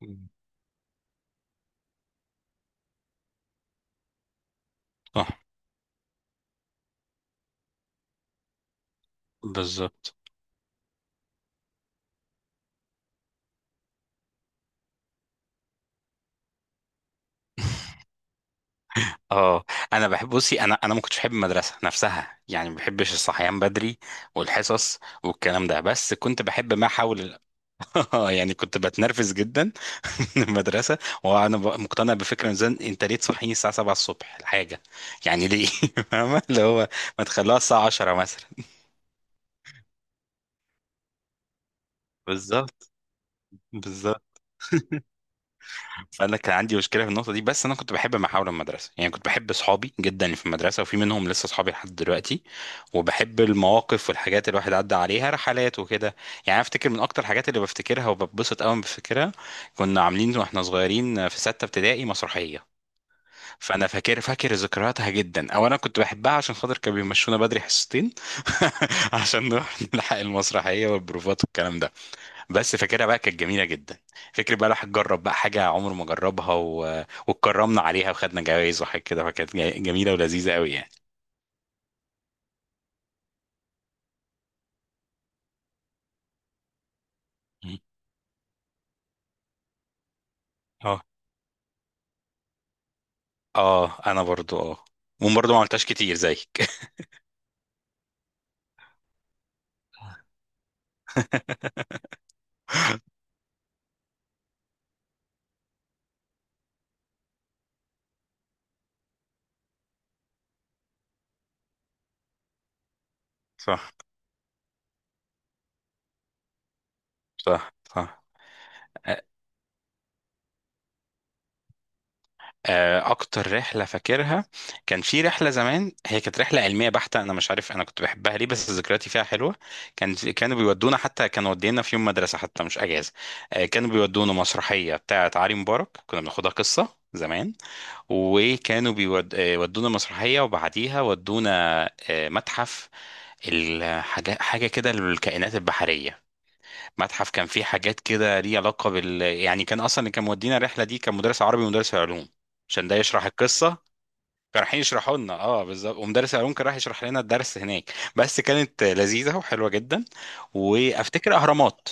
مم. صح. بالظبط. اه انا بحب بصي. انا ما كنتش بحب المدرسه نفسها، يعني ما بحبش الصحيان بدري والحصص والكلام ده، بس كنت بحب ما حول يعني كنت بتنرفز جدا من المدرسه. وانا مقتنع بفكره ان انت ليه تصحيني الساعه 7 الصبح الحاجه، يعني ليه؟ فاهمه اللي هو ما تخلوها الساعه 10 مثلا. بالظبط، بالظبط. انا كان عندي مشكله في النقطه دي، بس انا كنت بحب محاور المدرسه، يعني كنت بحب اصحابي جدا اللي في المدرسه، وفي منهم لسه اصحابي لحد دلوقتي. وبحب المواقف والحاجات اللي الواحد عدى عليها، رحلات وكده. يعني أنا افتكر من اكتر الحاجات اللي بفتكرها وببسط قوي بفتكرها، كنا عاملين واحنا صغيرين في سته ابتدائي مسرحيه. فانا فاكر فاكر ذكرياتها جدا، او انا كنت بحبها عشان خاطر كانوا بيمشونا بدري حصتين، عشان نروح نلحق المسرحيه والبروفات والكلام ده. بس فاكرها بقى، كانت جميله جدا. فكر بقى الواحد جرب بقى حاجه عمره ما جربها واتكرمنا عليها وخدنا جوائز وحاجات كده، فكانت جميله ولذيذه قوي يعني. مم. اه، اه، انا برضو اه، وبرضو ما عملتهاش كتير زيك. صح، صح، صح. اكتر رحله فاكرها، كان في رحله زمان، هي كانت رحله علميه بحته. انا مش عارف انا كنت بحبها ليه، بس ذكرياتي فيها حلوه. كانوا بيودونا، حتى كانوا ودينا في يوم مدرسه، حتى مش اجازه. آه، كانوا بيودونا مسرحيه بتاعه علي مبارك، كنا بناخدها قصه زمان، وكانوا بيودونا مسرحيه وبعديها ودونا، آه، متحف. الحاجه حاجه كده للكائنات البحريه. متحف كان فيه حاجات كده ليه علاقة بال يعني. كان أصلا اللي كان مودينا الرحلة دي كان مدرس عربي ومدرس علوم، عشان ده يشرح القصة. كانوا رايحين يشرحوا لنا، اه بالظبط، ومدرس العلوم كان راح يشرح لنا الدرس هناك، بس كانت لذيذة وحلوة جدا. وافتكر اهرامات.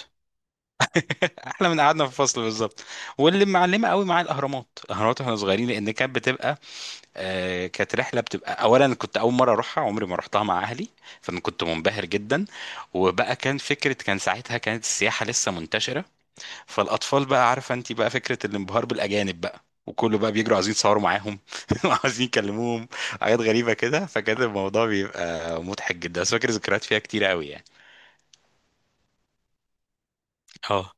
احلى من قعدنا في الفصل، بالظبط. واللي معلمه قوي معايا الاهرامات، الاهرامات، واحنا صغيرين، لان كانت بتبقى كانت رحله، بتبقى اولا كنت اول مره اروحها، عمري ما رحتها مع اهلي، فانا كنت منبهر جدا. وبقى كان فكره، كان ساعتها كانت السياحه لسه منتشره، فالاطفال بقى، عارفه انت بقى فكره الانبهار بالاجانب بقى، وكله بقى بيجروا عايزين يتصوروا معاهم وعايزين يكلموهم، حاجات غريبه كده، فكان الموضوع بيبقى مضحك جدا. بس فاكر ذكريات فيها كتير قوي يعني. اه،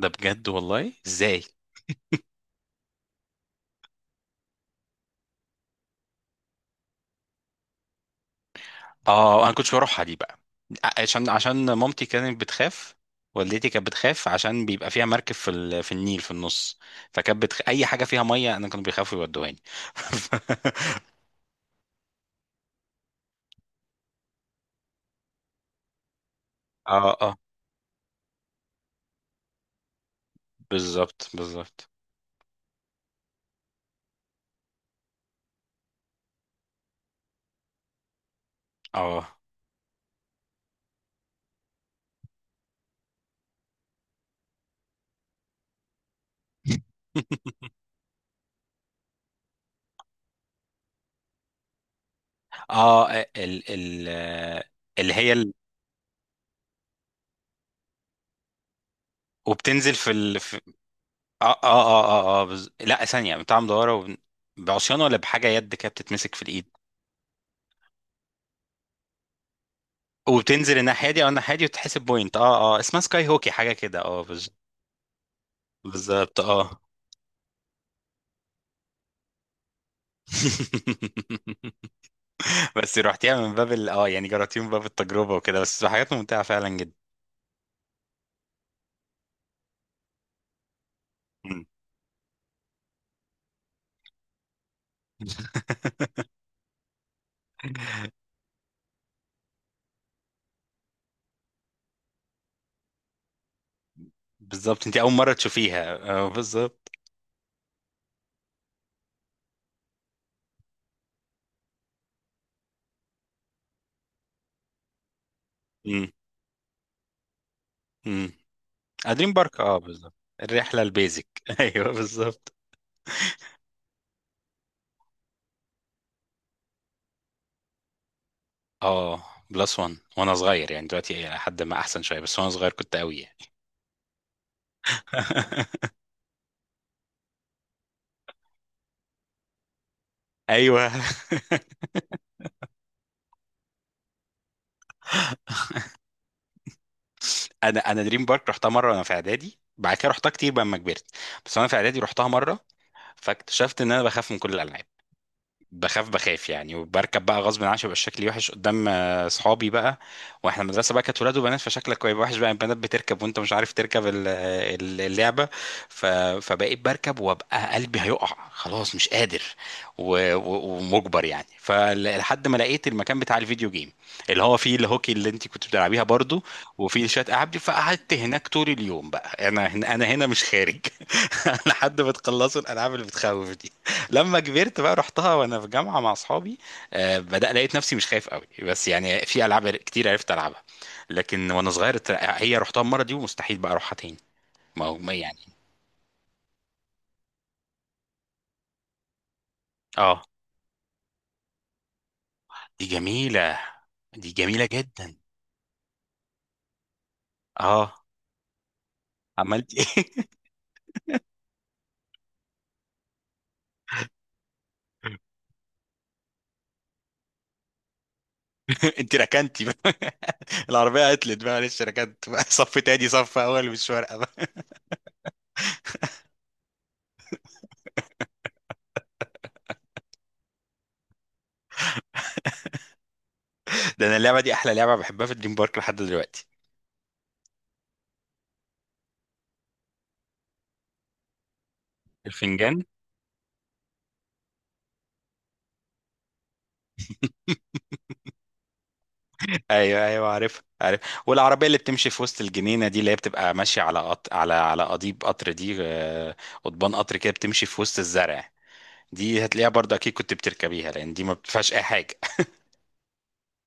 ده بجد، والله ازاي؟ اه انا كنتش بروحها دي بقى، عشان مامتي كانت بتخاف. والدتي كانت بتخاف عشان بيبقى فيها مركب في النيل في النص. اي حاجه فيها ميه انا كانوا بيخافوا يودوهاني. اه، اه، بالظبط، بالظبط، اه. اه، آه، ال اللي هي وبتنزل اه، اه، اه، اه، لا، ثانية بتاع مدورة بعصيان ولا بحاجة يد كده بتتمسك في الإيد، وبتنزل الناحية دي أو الناحية دي وتحسب بوينت. اه، اه، اسمها سكاي هوكي حاجة كده. بالظبط، اه. بس رحتيها من باب ال اه يعني جربتيها من باب التجربة وكده، بس حاجات ممتعة فعلا جدا. مم. بالظبط، انت أول مرة تشوفيها، اه بالظبط. مم. مم. دريم بارك، اه بالظبط. الرحله البيزك، ايوه بالظبط. اه، بلس وان. وانا صغير يعني دلوقتي إلى حد ما احسن شويه، بس وانا صغير كنت قوي يعني. ايوه. انا دريم بارك رحتها مره وانا في اعدادي، بعد كده رحتها كتير بقى لما كبرت. بس وانا في اعدادي رحتها مره، فاكتشفت ان انا بخاف من كل الالعاب، بخاف بخاف يعني، وبركب بقى غصب عني عشان يبقى شكلي وحش قدام، آه، صحابي بقى. واحنا المدرسه بقى كانت ولاد وبنات، فشكلك هيبقى وحش بقى، البنات بتركب وانت مش عارف تركب اللعبه. ف- فبقيت بركب وابقى قلبي هيقع، خلاص مش قادر، ومجبر يعني. فلحد ما لقيت المكان بتاع الفيديو جيم، اللي هو فيه الهوكي اللي انت كنت بتلعبيها برضو، وفيه شويه العاب دي، فقعدت هناك طول اليوم بقى. انا هنا مش خارج، لحد ما تخلصوا الالعاب اللي بتخوف. لما كبرت بقى رحتها وانا في جامعه مع اصحابي، آه، بدأ لقيت نفسي مش خايف قوي، بس يعني في العاب كتير عرفت العبها. لكن وانا صغير هي رحتها المره دي، ومستحيل بقى اروحها تاني. ما هو ما يعني. اه، دي جميله. دي جميله جدا. اه، عملت ايه؟ انت ركنتي بقى؟ العربيه عطلت بقى، معلش ركنت بقى، صف تاني صف اول مش فارقه بقى. ده انا اللعبه دي احلى لعبه بحبها في دريم بارك لحد دلوقتي. الفنجان. ايوه، ايوه، عارف، عارف. والعربيه اللي بتمشي في وسط الجنينه دي، اللي هي بتبقى ماشيه على على قضيب قطر دي، آه، قضبان قطر كده بتمشي في وسط الزرع. دي هتلاقيها برضه اكيد كنت بتركبيها، لان دي ما بتدفعش اي حاجه.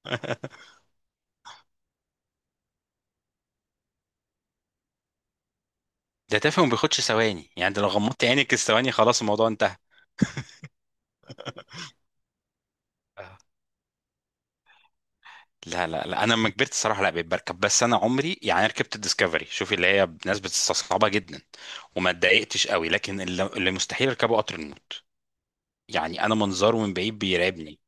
ده تافه وما بياخدش ثواني يعني، ده لو غمضت عينك الثواني خلاص الموضوع انتهى. آه. لا، لا، لا، انا لما كبرت الصراحه لا بقيت بركب، بس انا عمري يعني أنا ركبت الديسكفري، شوفي، اللي هي ناس بتستصعبها جدا وما اتضايقتش قوي، لكن اللي مستحيل اركبه قطر النوم. يعني انا منظره من بعيد بيرعبني.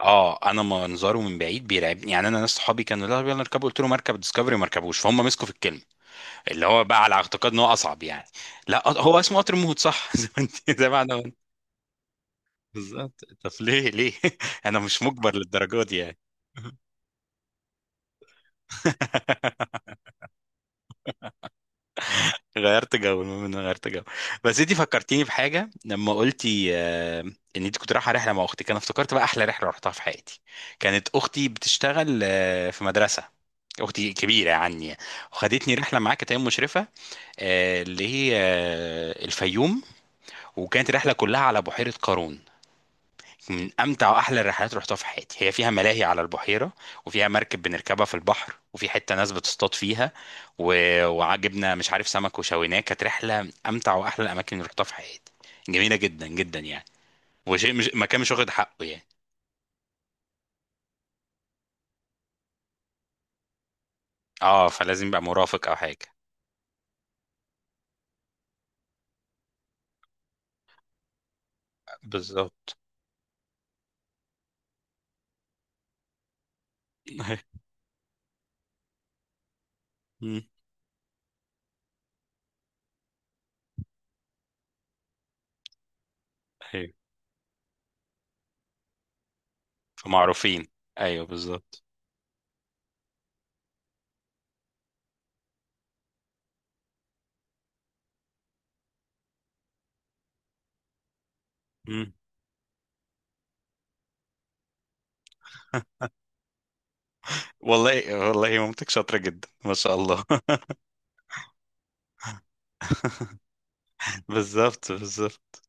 اه انا منظره من بعيد بيرعبني يعني. انا ناس صحابي كانوا لا يلا نركبه، قلت له مركب ديسكفري ما ركبوش، فهم مسكوا في الكلمه اللي هو بقى على اعتقاد ان هو اصعب يعني. لا، هو اسمه قطر الموت، صح، زي ما انت زي ما انا قلت. بالظبط، طب ليه؟ ليه؟ انا مش مجبر للدرجه دي يعني. غيرت جو، المهم ان أنا غيرت جو. بس انت فكرتيني بحاجه لما قلتي، ان انت كنت رايحه رحله مع اختك، انا افتكرت بقى احلى رحله رحتها في حياتي. كانت اختي بتشتغل في مدرسه. اختي كبيره عني، وخدتني رحله معاها كانت هي مشرفه اللي هي الفيوم. وكانت رحله كلها على بحيره قارون، من امتع واحلى الرحلات اللي رحتها في حياتي. هي فيها ملاهي على البحيره، وفيها مركب بنركبها في البحر، وفي حته ناس بتصطاد فيها، و... وعجبنا مش عارف سمك وشويناه. كانت رحله من امتع واحلى الاماكن اللي رحتها في حياتي، جميله جدا جدا يعني. وشيء، مش مكان مش واخد حقه يعني. اه، فلازم يبقى مرافق او حاجه. بالظبط. مم. ايوه، فمعروفين. ايوه بالظبط. مم. والله، والله، مامتك شاطرة جدا، ما شاء الله. بالظبط، بالظبط.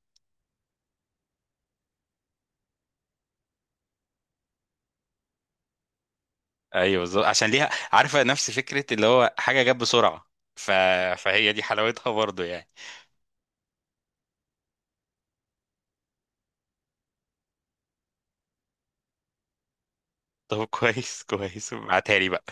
ايوه بالظبط، عشان ليها عارفة نفس فكرة اللي هو حاجة جت بسرعة. ف... فهي دي حلاوتها برضه يعني. طب، كويس، كويس، ابعتها لي بقى.